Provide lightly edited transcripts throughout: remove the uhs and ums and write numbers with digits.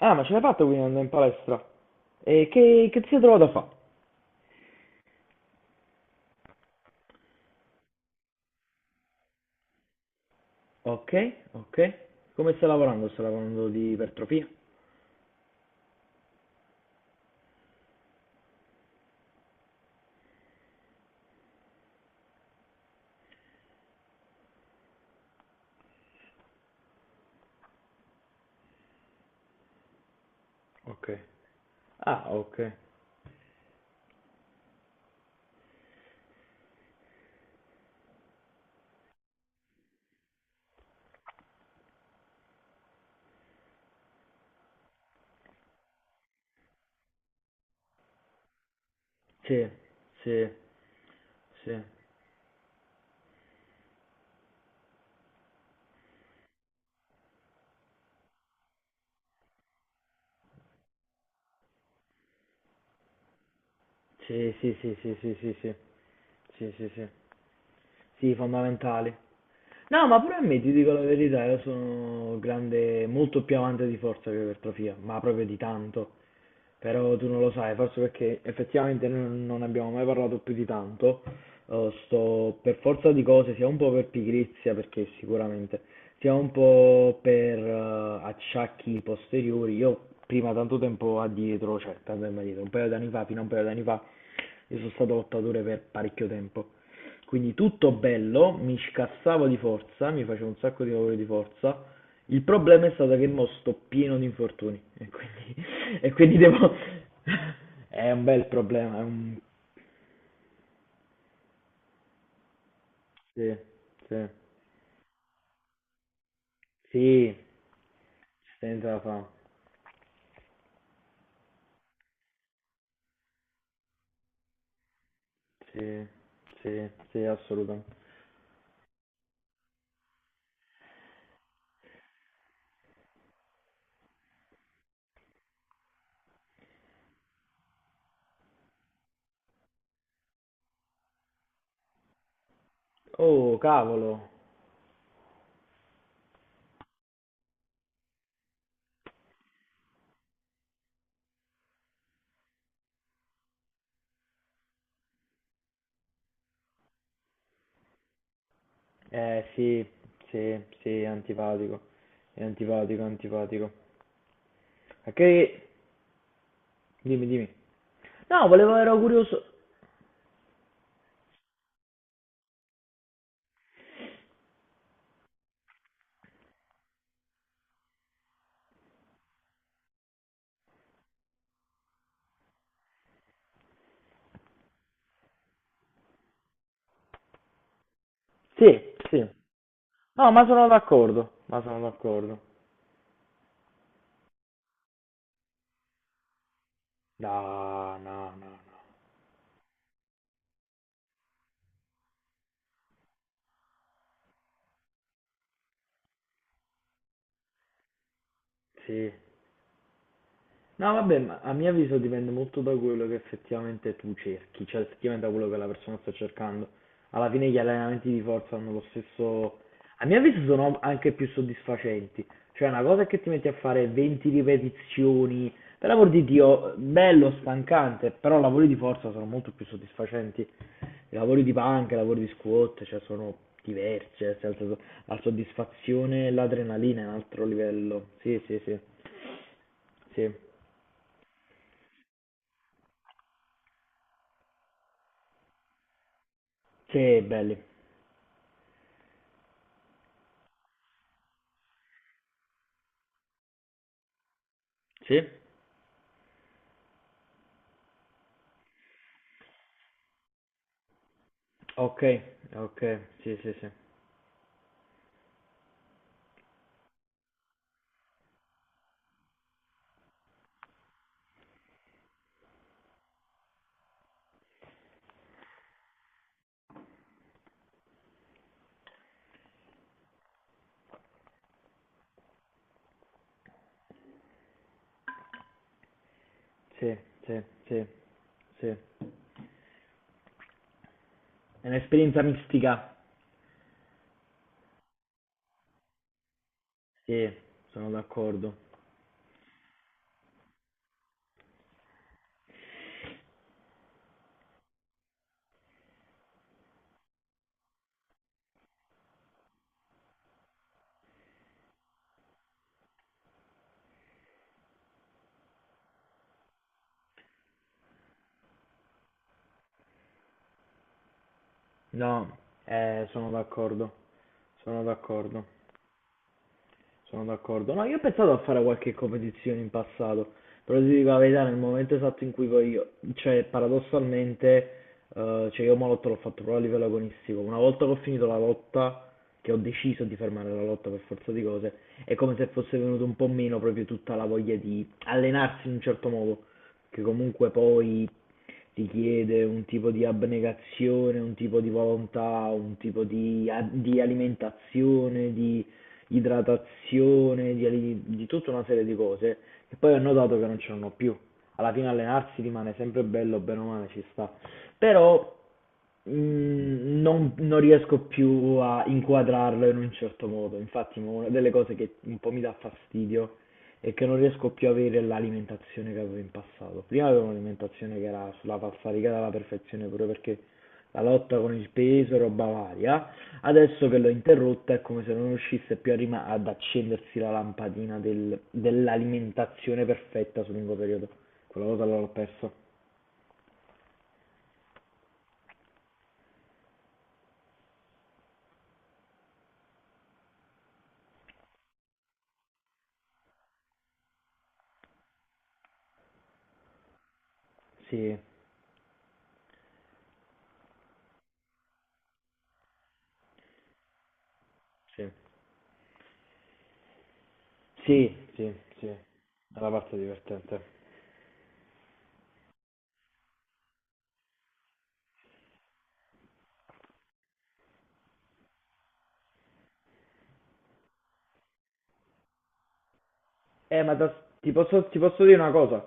Ah, ma ce l'hai fatta quindi andare in palestra? E che ti sei trovato a fare? Ok, ok. Come sta lavorando? Sta lavorando di ipertrofia? Ok. Ah, ok. Sì, sì, sì, sì, sì, sì, sì, sì, sì, sì, sì, sì, sì. Sì, fondamentali. No, ma pure a me, ti dico la verità, io sono grande, molto più amante di forza che di ipertrofia, ma proprio di tanto. Però tu non lo sai, forse perché effettivamente noi non abbiamo mai parlato più di tanto. Sto per forza di cose, sia un po' per pigrizia, perché sicuramente, sia un po' per acciacchi posteriori. Io prima, tanto tempo addietro, cioè tanto tempo addietro, un paio d'anni fa, fino a un paio d'anni fa, io sono stato lottatore per parecchio tempo. Quindi tutto bello, mi scassavo di forza, mi facevo un sacco di lavori di forza. Il problema è stato che mo sto pieno di infortuni e quindi, e quindi devo... È un bel problema, è un... Sì, sì, sì, ci stai dentro la fa. Sì, sì, sì, assolutamente. Oh, cavolo. Sì, sì, sì, è antipatico. È antipatico, è antipatico. Ok, dimmi, dimmi. No, volevo, ero curioso. Sì, sì. No, ma sono d'accordo, ma sono d'accordo. No, no, no, no. Sì. No, vabbè, ma a mio avviso dipende molto da quello che effettivamente tu cerchi, cioè effettivamente da quello che la persona sta cercando. Alla fine gli allenamenti di forza hanno lo stesso... A mio avviso sono anche più soddisfacenti. Cioè una cosa è che ti metti a fare 20 ripetizioni, per l'amor di Dio, bello, stancante, però lavori di forza sono molto più soddisfacenti. I lavori di panca, i lavori di squat, cioè sono diversi, cioè, nel senso, la soddisfazione e l'adrenalina è un altro livello. Sì, sì, sì, sì, sì, belli. Sì? Ok, ok, sì, sì, sì, sì, sì, sì, sì. È un'esperienza mistica. Sì, sono d'accordo. No, sono d'accordo, sono d'accordo, sono d'accordo. No, io ho pensato a fare qualche competizione in passato, però ti dico la verità, nel momento esatto in cui poi io, cioè paradossalmente eh, cioè io Molotov l'ho fatto proprio a livello agonistico. Una volta che ho finito la lotta, che ho deciso di fermare la lotta per forza di cose, è come se fosse venuto un po' meno proprio tutta la voglia di allenarsi in un certo modo, che comunque poi richiede un tipo di abnegazione, un tipo di volontà, un tipo di, di alimentazione, di idratazione, di, di tutta una serie di cose che poi ho notato che non ce l'hanno più. Alla fine allenarsi rimane sempre bello, bene o male ci sta. Però non riesco più a inquadrarlo in un certo modo. Infatti, mo, una delle cose che un po' mi dà fastidio è che non riesco più a avere l'alimentazione che avevo in passato. Prima avevo un'alimentazione che era sulla falsariga alla perfezione, proprio perché la lotta con il peso e roba varia. Adesso che l'ho interrotta è come se non riuscisse più a ad accendersi la lampadina dell'alimentazione perfetta sul lungo periodo. Quella cosa l'ho persa. Sì, sì, sì, sì, sì. È una parte divertente. Ma ti posso dire una cosa.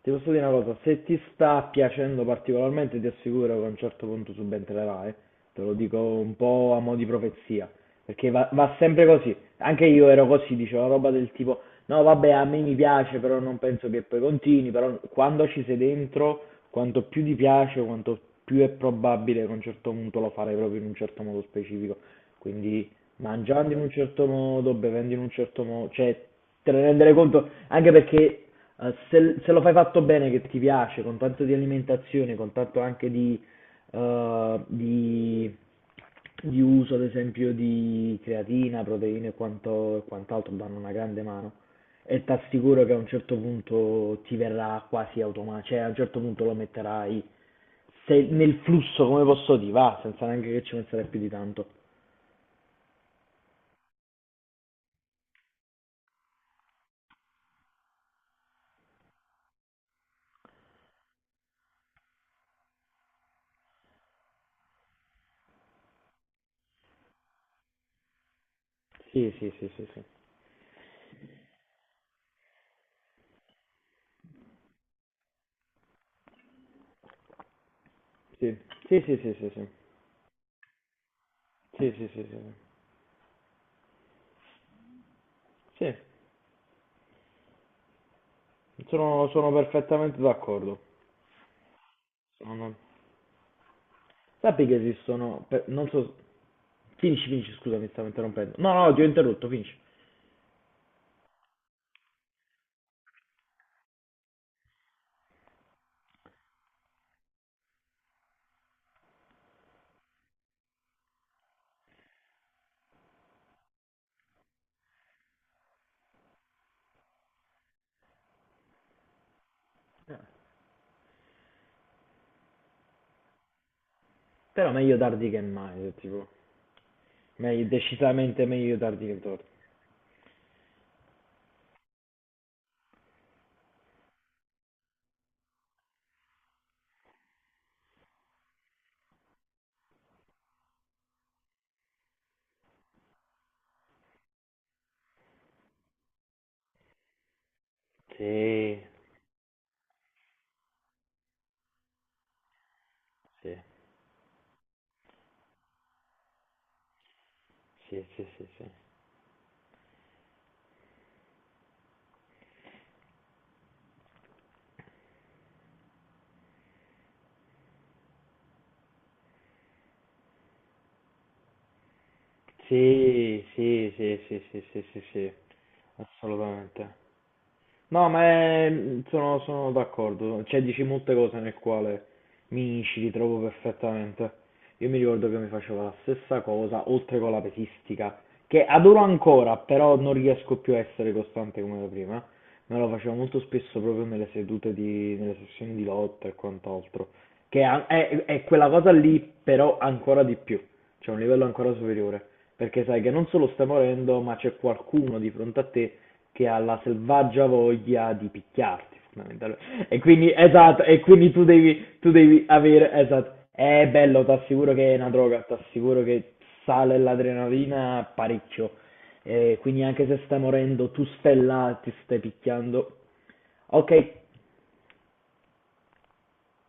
Ti posso dire una cosa. Se ti sta piacendo particolarmente, ti assicuro che a un certo punto subentrerà, eh. Te lo dico un po' a mo' di profezia. Perché va sempre così. Anche io ero così, dicevo roba del tipo, no vabbè, a me mi piace, però non penso che poi continui, però quando ci sei dentro, quanto più ti piace, quanto più è probabile che a un certo punto lo farai proprio in un certo modo specifico. Quindi mangiando in un certo modo, bevendo in un certo modo, cioè te ne rendere conto, anche perché se lo fai fatto bene, che ti piace, con tanto di alimentazione, con tanto anche eh, di di uso, ad esempio, di creatina, proteine e e quant'altro danno una grande mano e ti assicuro che a un certo punto ti verrà quasi automatico, cioè a un certo punto lo metterai nel flusso, come posso dire, va, senza neanche che ci penserai più di tanto. Sì, sì, sì, sì, sì. Sì, sì, sì, sì, sì, sì. Sì, sì, sì, sì, sì. Sì, sono perfettamente d'accordo. Sono- Sappi che esistono, non so, finisci, finisci, scusami, stavo interrompendo. No, no, ti ho interrotto, finisci. Eh, Però meglio tardi che mai, tipo. Decisamente meglio tardi che torti. Sì, sì, sì, sì, sì, sì. Sì, sì, sì, sì, sì, sì, sì, sì, assolutamente. No, sono d'accordo, cioè dici molte cose nel quale mi ci ritrovo perfettamente. Io mi ricordo che mi facevo la stessa cosa, oltre con la pesistica, che adoro ancora, però non riesco più a essere costante come da prima. Me lo facevo molto spesso proprio nelle sedute di, nelle sessioni di lotta e quant'altro, che è quella cosa lì, però ancora di più. C'è un livello ancora superiore, perché sai che non solo stai morendo, ma c'è qualcuno di fronte a te che ha la selvaggia voglia di picchiarti, fondamentalmente. E quindi, esatto, e quindi tu devi avere, esatto. È bello, ti assicuro che è una droga, ti assicuro che sale l'adrenalina parecchio. E quindi anche se stai morendo, tu stai là, ti stai picchiando. Ok,